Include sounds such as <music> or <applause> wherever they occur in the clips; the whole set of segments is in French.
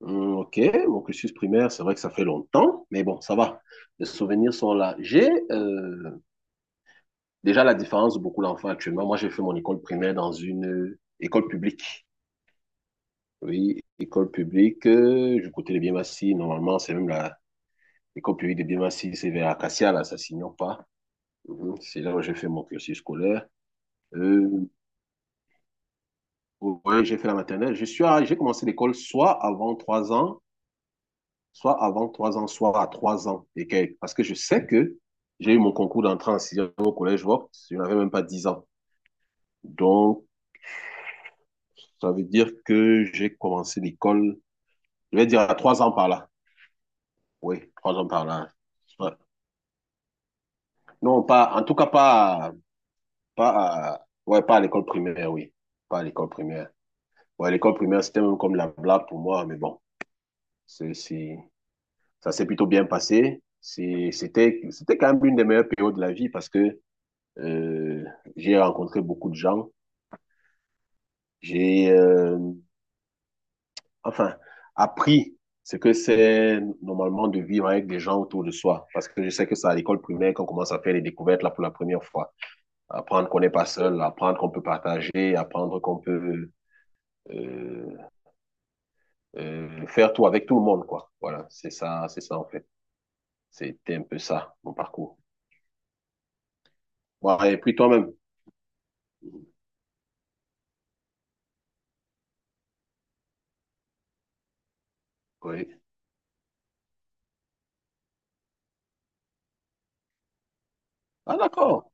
Ok, mon cursus primaire, c'est vrai que ça fait longtemps, mais bon, ça va. Les souvenirs sont là. J'ai déjà la différence de beaucoup d'enfants actuellement. Moi, j'ai fait mon école primaire dans une école publique. Oui, école publique du côté de Biémassi. Normalement, c'est même la l'école publique de Biémassi, c'est vers Acacia, là, ça s'ignore pas. Mhm. C'est là où j'ai fait mon cursus scolaire. Euh, ouais, j'ai fait la maternelle. J'ai commencé l'école soit avant trois ans, soit à 3 ans et quelques. Parce que je sais que j'ai eu mon concours d'entrée en sixième au collège Vaux, je n'avais même pas 10 ans. Donc, ça veut dire que j'ai commencé l'école, je vais dire à 3 ans par là. Oui, 3 ans par là. Ouais. Non, pas, en tout cas, pas, pas, ouais, pas à l'école primaire, oui. Pas à l'école primaire. Ouais, l'école primaire, c'était même comme la blague pour moi, mais bon, c'est, c'est- ça s'est plutôt bien passé. C'était quand même une des meilleures périodes de la vie, parce que Euh, j'ai rencontré beaucoup de gens. J'ai, enfin, appris ce que c'est normalement de vivre avec des gens autour de soi. Parce que je sais que c'est à l'école primaire qu'on commence à faire les découvertes là pour la première fois. Apprendre qu'on n'est pas seul, apprendre qu'on peut partager, apprendre qu'on peut euh, faire tout avec tout le monde, quoi. Voilà, c'est ça en fait. C'était un peu ça, mon parcours. Bon, et puis toi-même. Oui. Ah d'accord,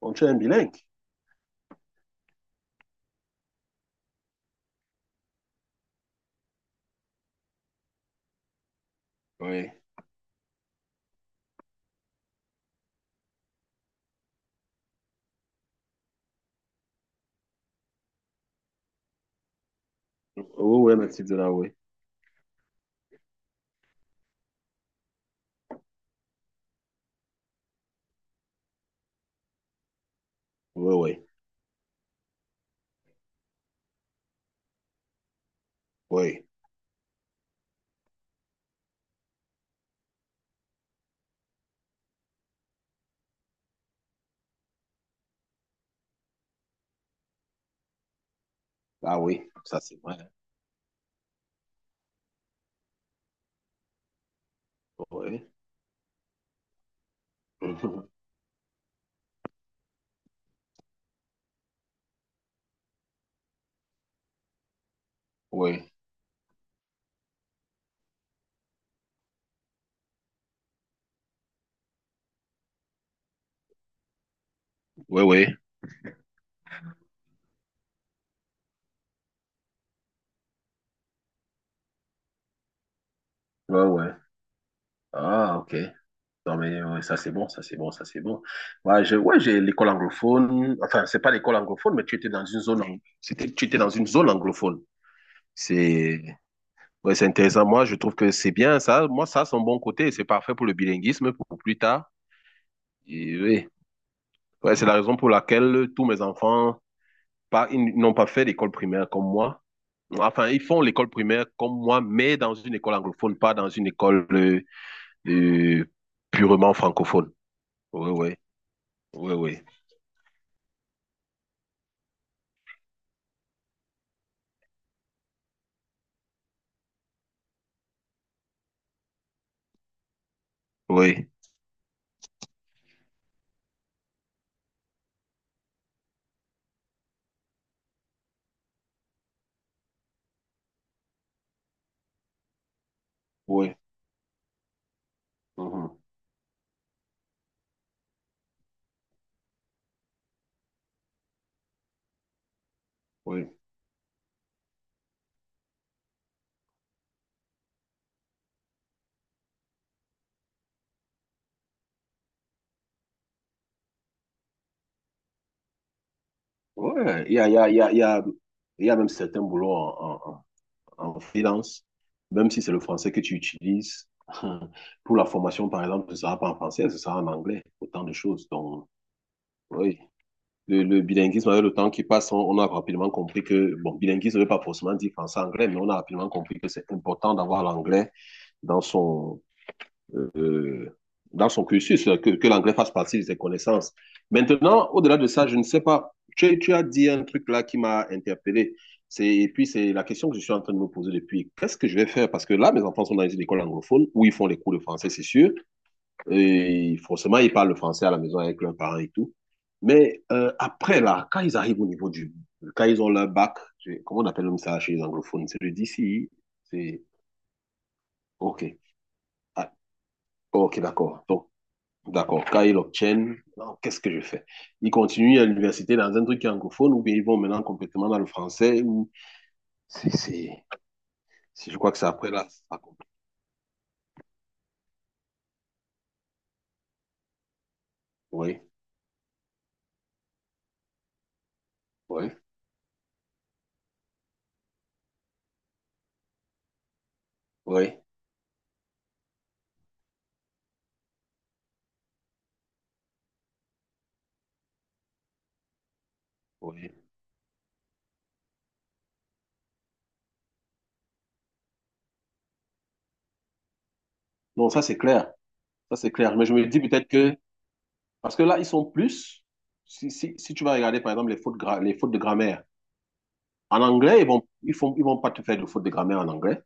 on tu es un bilingue. Oui. Oui, oui, natif de là, oui. Oui, oui, oui. Ah oui, ça c'est vrai. Oui. <laughs> Oui, oui, oui, ouais, oui. Ah, OK. Non, mais ouais, ça c'est bon, ça c'est bon, ça c'est bon. Ouais, j'ai l'école anglophone. Enfin, c'est pas l'école anglophone, mais tu étais dans une zone, ang- c'était, tu étais dans une zone anglophone. C'est, ouais, c'est intéressant. Moi, je trouve que c'est bien ça. Moi, ça, c'est un bon côté. C'est parfait pour le bilinguisme, pour plus tard. Et oui. Ouais, c'est la raison pour laquelle tous mes enfants, pas, ils n'ont pas fait l'école primaire comme moi. Enfin, ils font l'école primaire comme moi, mais dans une école anglophone, pas dans une école euh, purement francophone. Oui, oui, oui, oui, oui, oui, mhm, oui. Ouais, il y a même certains boulots en freelance, même si c'est le français que tu utilises. <laughs> Pour la formation, par exemple, ce ne sera pas en français, ce sera en anglais, autant de choses. Donc, oui. Le bilinguisme, avec le temps qui passe, on a rapidement compris que, bon, bilinguisme ne veut pas forcément dire français-anglais, mais on a rapidement compris que c'est important d'avoir l'anglais dans son, euh, dans son cursus, que l'anglais fasse partie de ses connaissances. Maintenant, au-delà de ça, je ne sais pas, tu as dit un truc là qui m'a interpellé. Et puis, c'est la question que je suis en train de me poser depuis. Qu'est-ce que je vais faire? Parce que là, mes enfants sont dans une école anglophone où ils font les cours de français, c'est sûr. Et forcément, ils parlent le français à la maison avec leurs parents et tout. Mais après, là, quand ils arrivent au niveau du... Quand ils ont leur bac, comment on appelle ça chez les anglophones? C'est le DCI. C'est OK. Ah, OK, d'accord. Donc, d'accord. Quand ils l'obtiennent, non, qu'est-ce que je fais? Ils continuent à l'université dans un truc qui est anglophone ou bien ils vont maintenant complètement dans le français ou... C'est... c'est- Je crois que c'est après, là. Ça complique. Oui, oui, oui, oui. Non, ça, c'est clair. Ça, c'est clair. Mais je me dis peut-être que parce que là, ils sont plus. Si tu vas regarder, par exemple, les fautes de grammaire. En anglais, ils vont pas te faire de fautes de grammaire en anglais.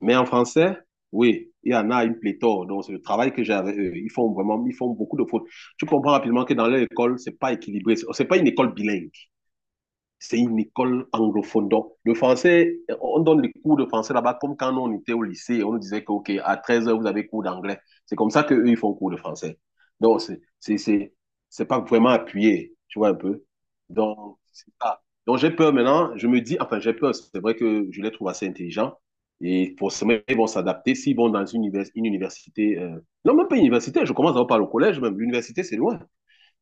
Mais en français, oui, il y en a une pléthore. Donc, c'est le travail que j'ai avec eux. Ils font vraiment, ils font beaucoup de fautes. Tu comprends rapidement que dans leur école, c'est pas équilibré. C'est pas une école bilingue. C'est une école anglophone. Donc, le français, on donne les cours de français là-bas comme quand on était au lycée, on nous disait que, OK, à 13h, vous avez cours d'anglais. C'est comme ça qu'eux, ils font cours de français. Donc, c'est pas vraiment appuyé, tu vois un peu. Donc, c'est ça. Donc, j'ai peur maintenant. Je me dis, enfin, j'ai peur. C'est vrai que je les trouve assez intelligents. Et forcément, ils vont s'adapter s'ils vont dans une université. Non, même pas une université. Je commence à en parler au collège, même. L'université, c'est loin.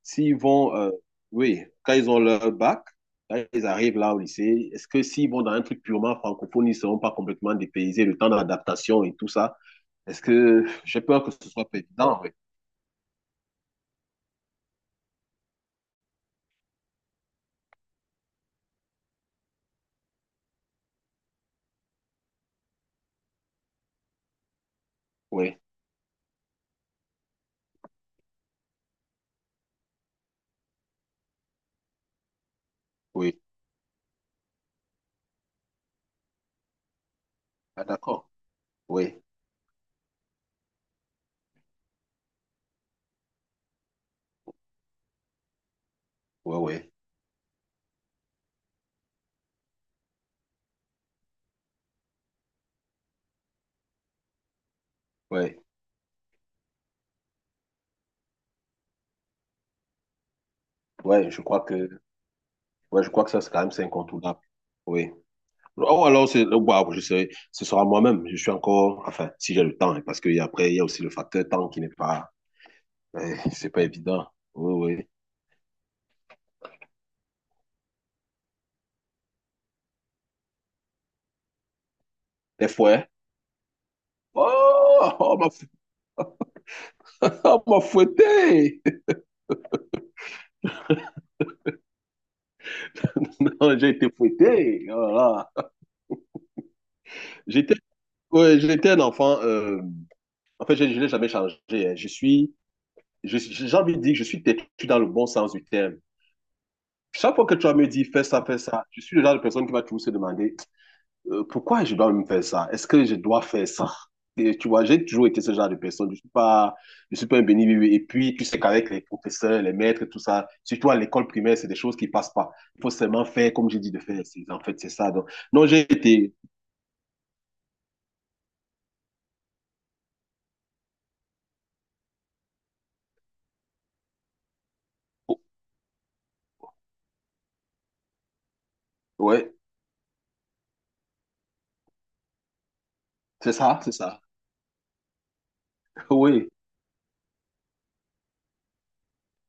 S'ils vont, euh, oui, quand ils ont leur bac, quand ils arrivent là au lycée, est-ce que s'ils vont dans un truc purement francophone, ils ne seront pas complètement dépaysés, le temps d'adaptation et tout ça? Est-ce que j'ai peur que ce soit pas évident? Oui, oui, oui. Ah, d'accord. Oui, oui, oui, oui, oui, je crois que ça, c'est quand même, c'est incontournable. Oui. Oh, alors, oh, bah, je sais, ce sera moi-même. Je suis encore, enfin, si j'ai le temps, hein, parce qu'après, il y a aussi le facteur temps qui n'est pas, c'est pas évident. Oui, oui. Des fois, Oh, <laughs> on m'a fouetté. <laughs> Non, j'ai été fouetté. Voilà. J'étais Ouais, j'étais un enfant. En fait, je n'ai jamais changé, hein. J'ai envie de dire que je suis têtu dans le bon sens du terme. Chaque fois que tu vas me dire fais ça, je suis le genre de personne qui va toujours se demander pourquoi je dois me faire ça? Est-ce que je dois faire ça? Et tu vois, j'ai toujours été ce genre de personne. Je suis pas un béni, oui. Et puis, tu sais qu'avec les professeurs, les maîtres, tout ça, surtout à l'école primaire, c'est des choses qui passent pas. Il faut seulement faire comme j'ai dit de faire. En fait, c'est ça. Donc, non, j'ai été, oh, ouais, c'est ça, c'est ça. <laughs> Oui,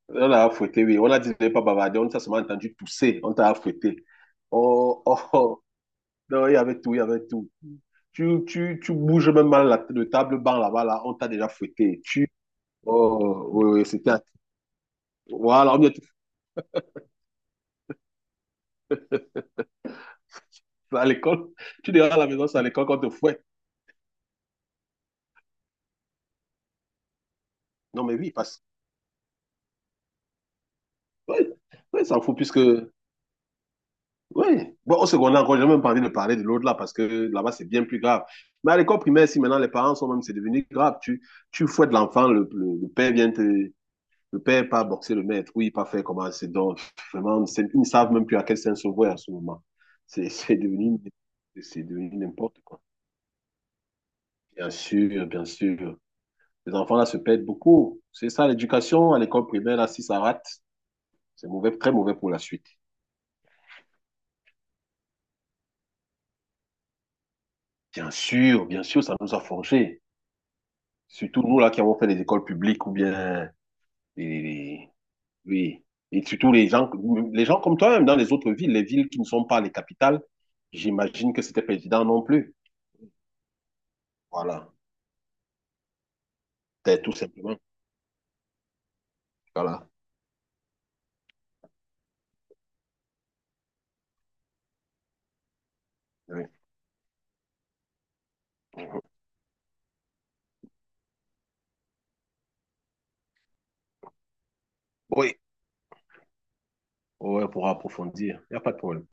on a fouetté, oui. On a dit de ne pas bavarder. On t'a seulement entendu tousser. On t'a fouetté. Oh, oh, oh. Non, il y avait tout, il y avait tout. Tu bouges même mal la, le table banc là-bas, là, on t'a déjà fouetté. Oh, oui, oui, c'était à... Voilà, ou bien vas à l'école. Tu diras à la maison, c'est à l'école qu'on te fouette. Non, mais oui, parce que... Oui, oui, ça fout puisque... Oui. Bon, au secondaire, encore, j'ai même pas envie de parler de l'autre là, parce que là-bas, c'est bien plus grave. Mais à l'école primaire, si maintenant les parents sont même, c'est devenu grave. Tu fouettes l'enfant, le père vient te... Le père pas boxer le maître, oui, pas faire comment c'est donc vraiment, ils ne savent même plus à quel saint se vouer à ce moment. C'est c'est devenu, c'est devenu n'importe quoi. Bien sûr, bien sûr. Ces enfants-là se perdent beaucoup. C'est ça, l'éducation à l'école primaire, là, si ça rate, c'est mauvais, très mauvais pour la suite. Bien sûr, ça nous a forgés. Surtout nous, là, qui avons fait les écoles publiques ou bien les, oui. Et surtout les gens comme toi, même dans les autres villes, les villes qui ne sont pas les capitales, j'imagine que c'était pas évident non plus. Voilà. C'est tout simplement. Voilà. Oui. Oui. Ouais, pour approfondir. Il n'y a pas de problème.